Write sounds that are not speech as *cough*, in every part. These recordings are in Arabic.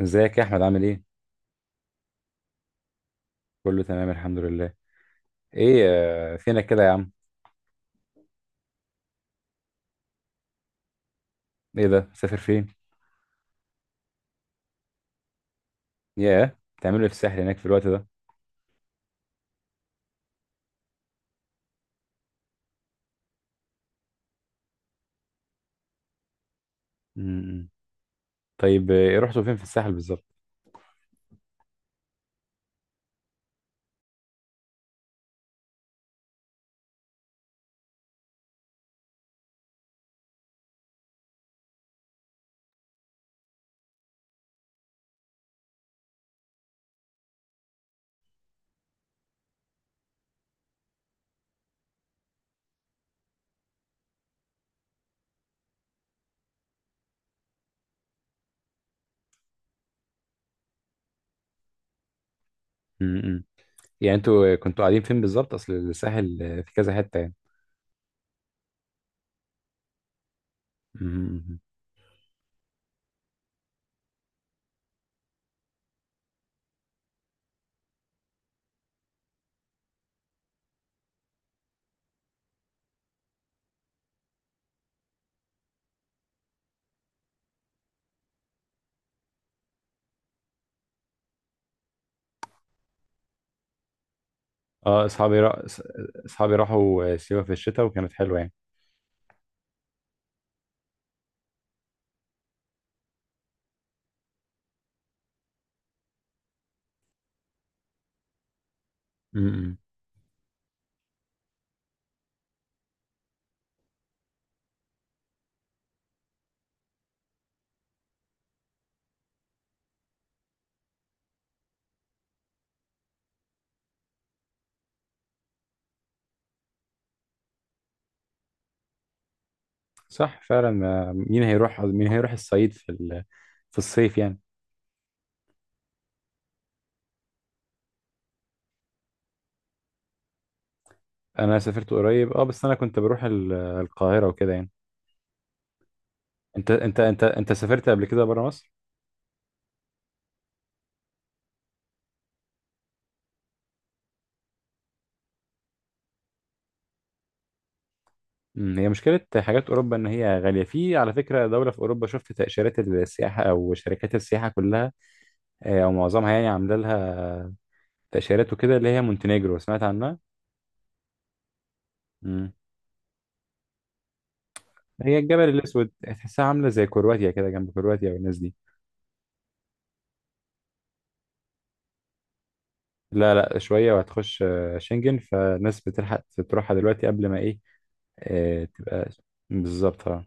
ازيك يا احمد، عامل ايه؟ كله تمام الحمد لله. ايه؟ فينك كده يا عم؟ ايه ده، مسافر فين؟ ياه، بتعملوا ايه في الساحل هناك في الوقت ده؟ امم طيب، ايه رحتوا فين في الساحل بالظبط؟ امم. يعني انتوا كنتوا قاعدين فين بالظبط؟ اصل الساحل في كذا حتة يعني. امم. اه، اصحابي راحوا سيوة في الشتاء وكانت حلوة يعني. امم. صح فعلا، مين هيروح الصعيد في الصيف يعني؟ انا سافرت قريب اه، بس انا كنت بروح القاهرة وكده يعني. انت سافرت قبل كده بره مصر؟ هي مشكله. حاجات اوروبا ان هي غاليه. في على فكره دوله في اوروبا، شفت تاشيرات السياحه او شركات السياحه كلها او معظمها يعني عامله لها تاشيرات وكده، اللي هي مونتينيجرو، سمعت عنها؟ امم. هي الجبل الاسود، تحسها عامله زي كرواتيا كده، جنب كرواتيا والناس دي. لا، شويه وهتخش شنجن، فالناس بتلحق تروحها دلوقتي قبل ما ايه تبقى. بالظبط اه.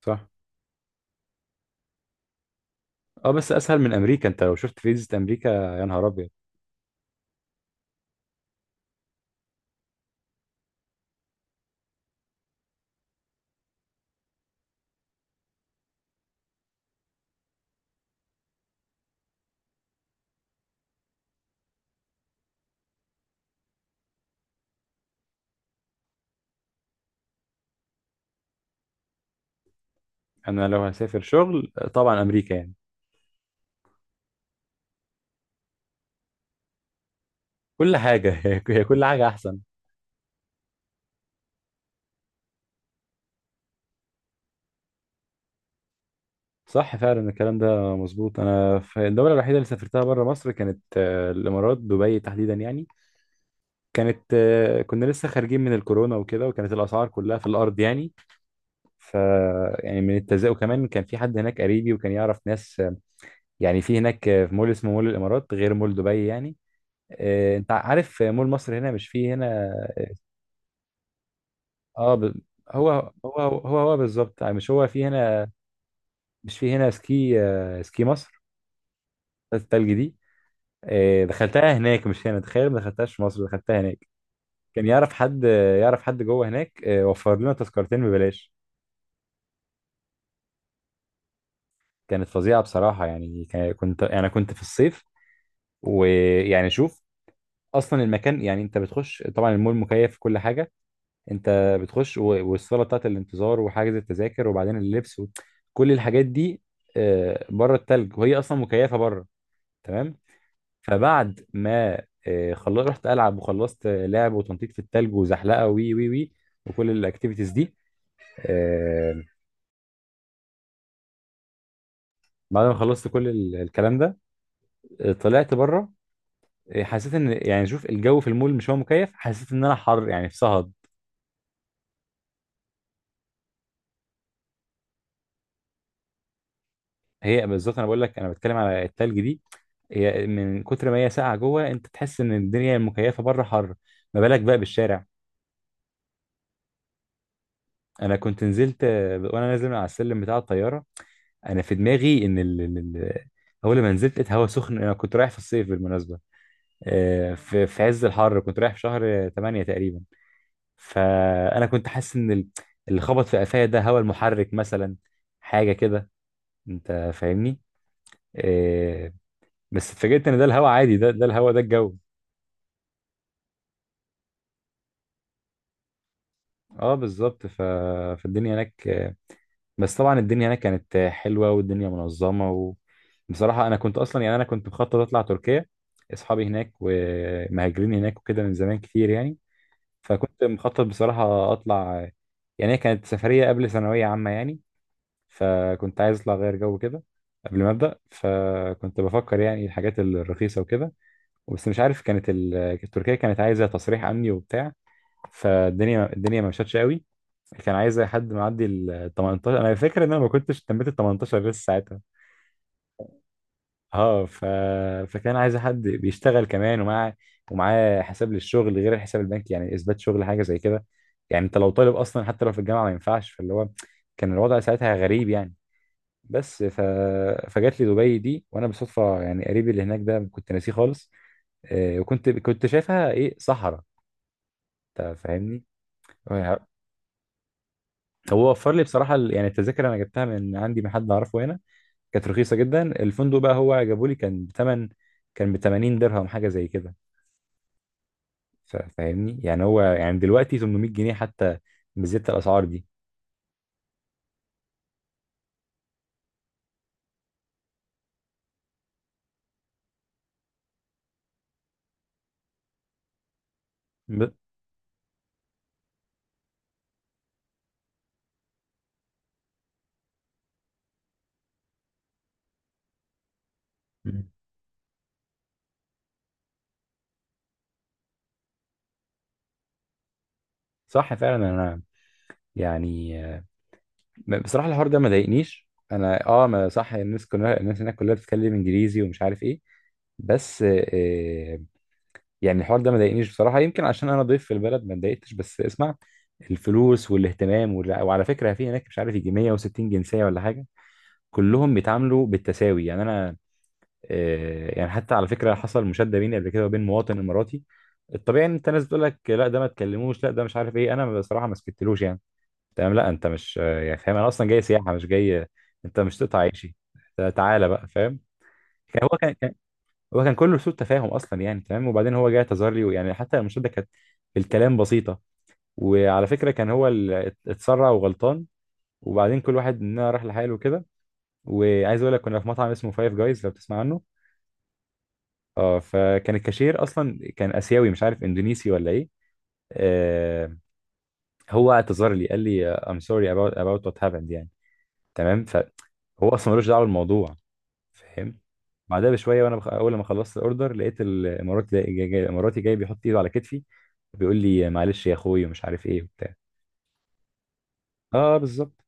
صح. اه، بس اسهل من امريكا، انت لو شفت فيزا امريكا يا نهار ابيض. انا لو هسافر شغل طبعا امريكا يعني. كل حاجه *laughs* هي كل حاجه احسن. صح فعلا، الكلام ده مظبوط. انا، في الدوله الوحيده اللي سافرتها بره مصر كانت الامارات، دبي تحديدا يعني. كانت كنا لسه خارجين من الكورونا وكده، وكانت الاسعار كلها في الارض يعني. ف يعني من التزاؤم، وكمان كان في حد هناك قريبي وكان يعرف ناس يعني في هناك في مول اسمه مول الامارات غير مول دبي يعني. انت عارف مول مصر هنا؟ مش فيه هنا. اه ب... هو هو هو هو بالظبط، مش هو في هنا؟ مش في هنا سكي سكي مصر بتاعت التلج دي. دخلتها هناك مش هنا، تخيل! ما دخلتهاش في مصر، دخلتها هناك. كان يعرف حد يعرف حد جوه هناك، وفر لنا تذكرتين ببلاش. كانت فظيعة بصراحة يعني. كنت يعني كنت في الصيف، ويعني شوف، اصلا المكان يعني انت بتخش. طبعا المول مكيف في كل حاجة. انت بتخش والصالة بتاعت الانتظار وحجز التذاكر وبعدين اللبس كل الحاجات دي، بره التلج وهي اصلا مكيفة بره. تمام. فبعد ما خلص، رحت العب، وخلصت لعب وتنطيط في التلج وزحلقه وي وي وي، وكل الاكتيفيتيز دي. آه، بعد ما خلصت كل الكلام ده، طلعت بره. حسيت ان يعني شوف، الجو في المول مش هو مكيف؟ حسيت ان انا حر يعني، في صهد. هي بالظبط، انا بقول لك انا بتكلم على التلج دي. هي من كتر ما هي ساقعه جوه، انت تحس ان الدنيا المكيفه بره حر، ما بالك بقى بالشارع. انا كنت نزلت وانا نازل من على السلم بتاع الطياره، انا في دماغي ان اول ما نزلت لقيت هوا سخن. انا كنت رايح في الصيف بالمناسبه، في عز الحر، كنت رايح في شهر 8 تقريبا. فانا كنت حاسس ان اللي خبط في قفايا ده هوا المحرك مثلا، حاجه كده، انت فاهمني؟ آه، بس اتفاجئت ان ده الهوا عادي، ده الهوا ده الجو. اه بالظبط. فالدنيا هناك، بس طبعا الدنيا هناك كانت حلوه والدنيا منظمه. وبصراحه انا كنت اصلا يعني انا كنت مخطط اطلع تركيا. اصحابي هناك ومهاجرين هناك وكده من زمان كتير يعني. فكنت مخطط بصراحه اطلع يعني. هي كانت سفريه قبل ثانويه عامه يعني، فكنت عايز اطلع غير جو كده قبل ما ابدا. فكنت بفكر يعني الحاجات الرخيصه وكده. بس مش عارف، كانت تركيا كانت عايزه تصريح امني وبتاع. فالدنيا ما مشتش قوي. كان عايز اي حد معدي ال 18، انا فاكر ان انا ما كنتش تميت ال 18 لسه ساعتها. اه. فكان عايز حد بيشتغل كمان، ومعاه حساب للشغل غير الحساب البنكي، يعني اثبات شغل حاجه زي كده. يعني انت لو طالب اصلا حتى لو في الجامعه ما ينفعش، فاللي هو كان الوضع ساعتها غريب يعني. بس فجات لي دبي دي، وانا بالصدفه يعني قريبي اللي هناك ده كنت ناسيه خالص. وكنت شايفها ايه؟ صحراء، انت فاهمني. هو وفر لي بصراحه يعني التذاكر انا جبتها من عندي من حد اعرفه هنا، كانت رخيصه جدا. الفندق بقى هو جابوا لي، كان بتمن، كان ب 80 درهم حاجه زي كده. فاهمني يعني، هو يعني دلوقتي 800 جنيه حتى، بزيادة الاسعار دي. ب... مم. صح فعلا انا يعني، بصراحه الحوار ده ما ضايقنيش انا اه. ما صح، الناس كلها، الناس هناك كلها بتتكلم انجليزي ومش عارف ايه، بس يعني الحوار ده ما ضايقنيش بصراحه. يمكن عشان انا ضيف في البلد ما اتضايقتش، بس اسمع، الفلوس والاهتمام وعلى فكره في هناك مش عارف يجي 160 جنسيه ولا حاجه. كلهم بيتعاملوا بالتساوي يعني. انا يعني حتى على فكره حصل مشاده بيني قبل كده وبين مواطن اماراتي. الطبيعي ان انت، ناس بتقول لك لا ده ما تكلموش، لا ده مش عارف ايه، انا بصراحه ما سكتلوش يعني. تمام لا، انت مش يعني فاهم، انا اصلا جاي سياحه مش جاي، انت مش تقطع عيشي. تعالى بقى فاهم. كان هو كان كان- هو كان كله سوء تفاهم اصلا يعني. تمام. وبعدين هو جاي اعتذر لي، ويعني حتى المشاده كانت الكلام بسيطه. وعلى فكره كان هو اللي اتسرع وغلطان، وبعدين كل واحد مننا راح لحاله كده. وعايز اقول لك كنا في مطعم اسمه فايف جايز، لو بتسمع عنه. اه. فكان الكاشير اصلا كان اسيوي مش عارف اندونيسي ولا ايه. آه، هو اعتذر لي، قال لي I'm sorry about what happened يعني. تمام، فهو اصلا ملوش دعوه بالموضوع، فاهم. بعدها بشويه، وانا اول لما خلصت الاوردر، لقيت الاماراتي الاماراتي جاي بيحط ايده على كتفي، بيقول لي معلش يا اخوي ومش عارف ايه وبتاع. اه بالظبط.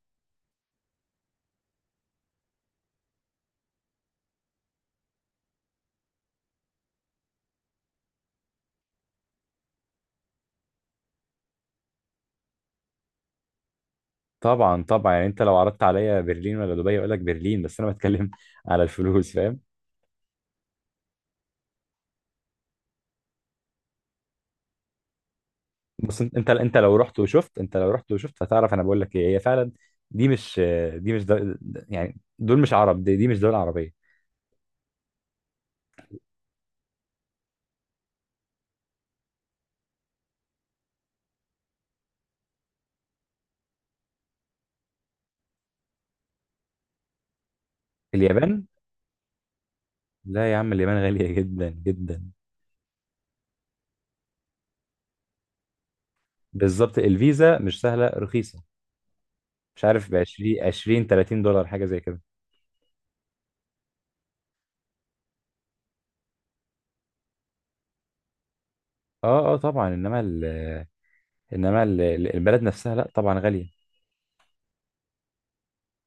طبعا يعني انت لو عرضت عليا برلين ولا دبي، اقول لك برلين. بس انا بتكلم *laughs* على الفلوس، فاهم. بص، انت لو رحت وشفت، انت لو رحت وشفت هتعرف انا بقول لك ايه. هي فعلا دي مش دي مش دول، يعني دول مش عرب، دي، دي مش دول عربيه. اليابان؟ لا يا عم، اليابان غاليه جدا جدا. بالظبط، الفيزا مش سهله، رخيصه، مش عارف ب 20 20 30 دولار حاجه زي كده. اه اه طبعا. انما ال... البلد نفسها لا طبعا غاليه.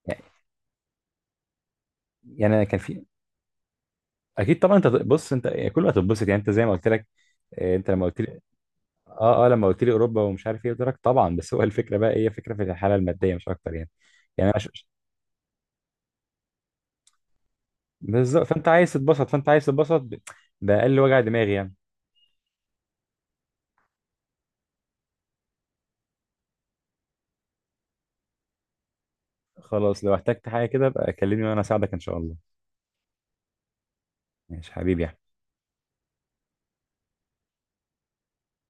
يعني يعني انا كان في، اكيد طبعا. انت بص، انت كله هتتبسط يعني، انت زي ما قلت لك. انت لما قلت لي، اه اه، لما قلت لي اوروبا ومش عارف ايه قلت لك طبعا، بس هو الفكره بقى، هي فكره في الحاله الماديه مش اكتر يعني. يعني أنا ش- بالظبط. فانت عايز تتبسط، فانت عايز تتبسط باقل وجع دماغي يعني. خلاص، لو احتجت حاجه كده بقى كلمني وانا اساعدك ان شاء الله. ماشي حبيبي.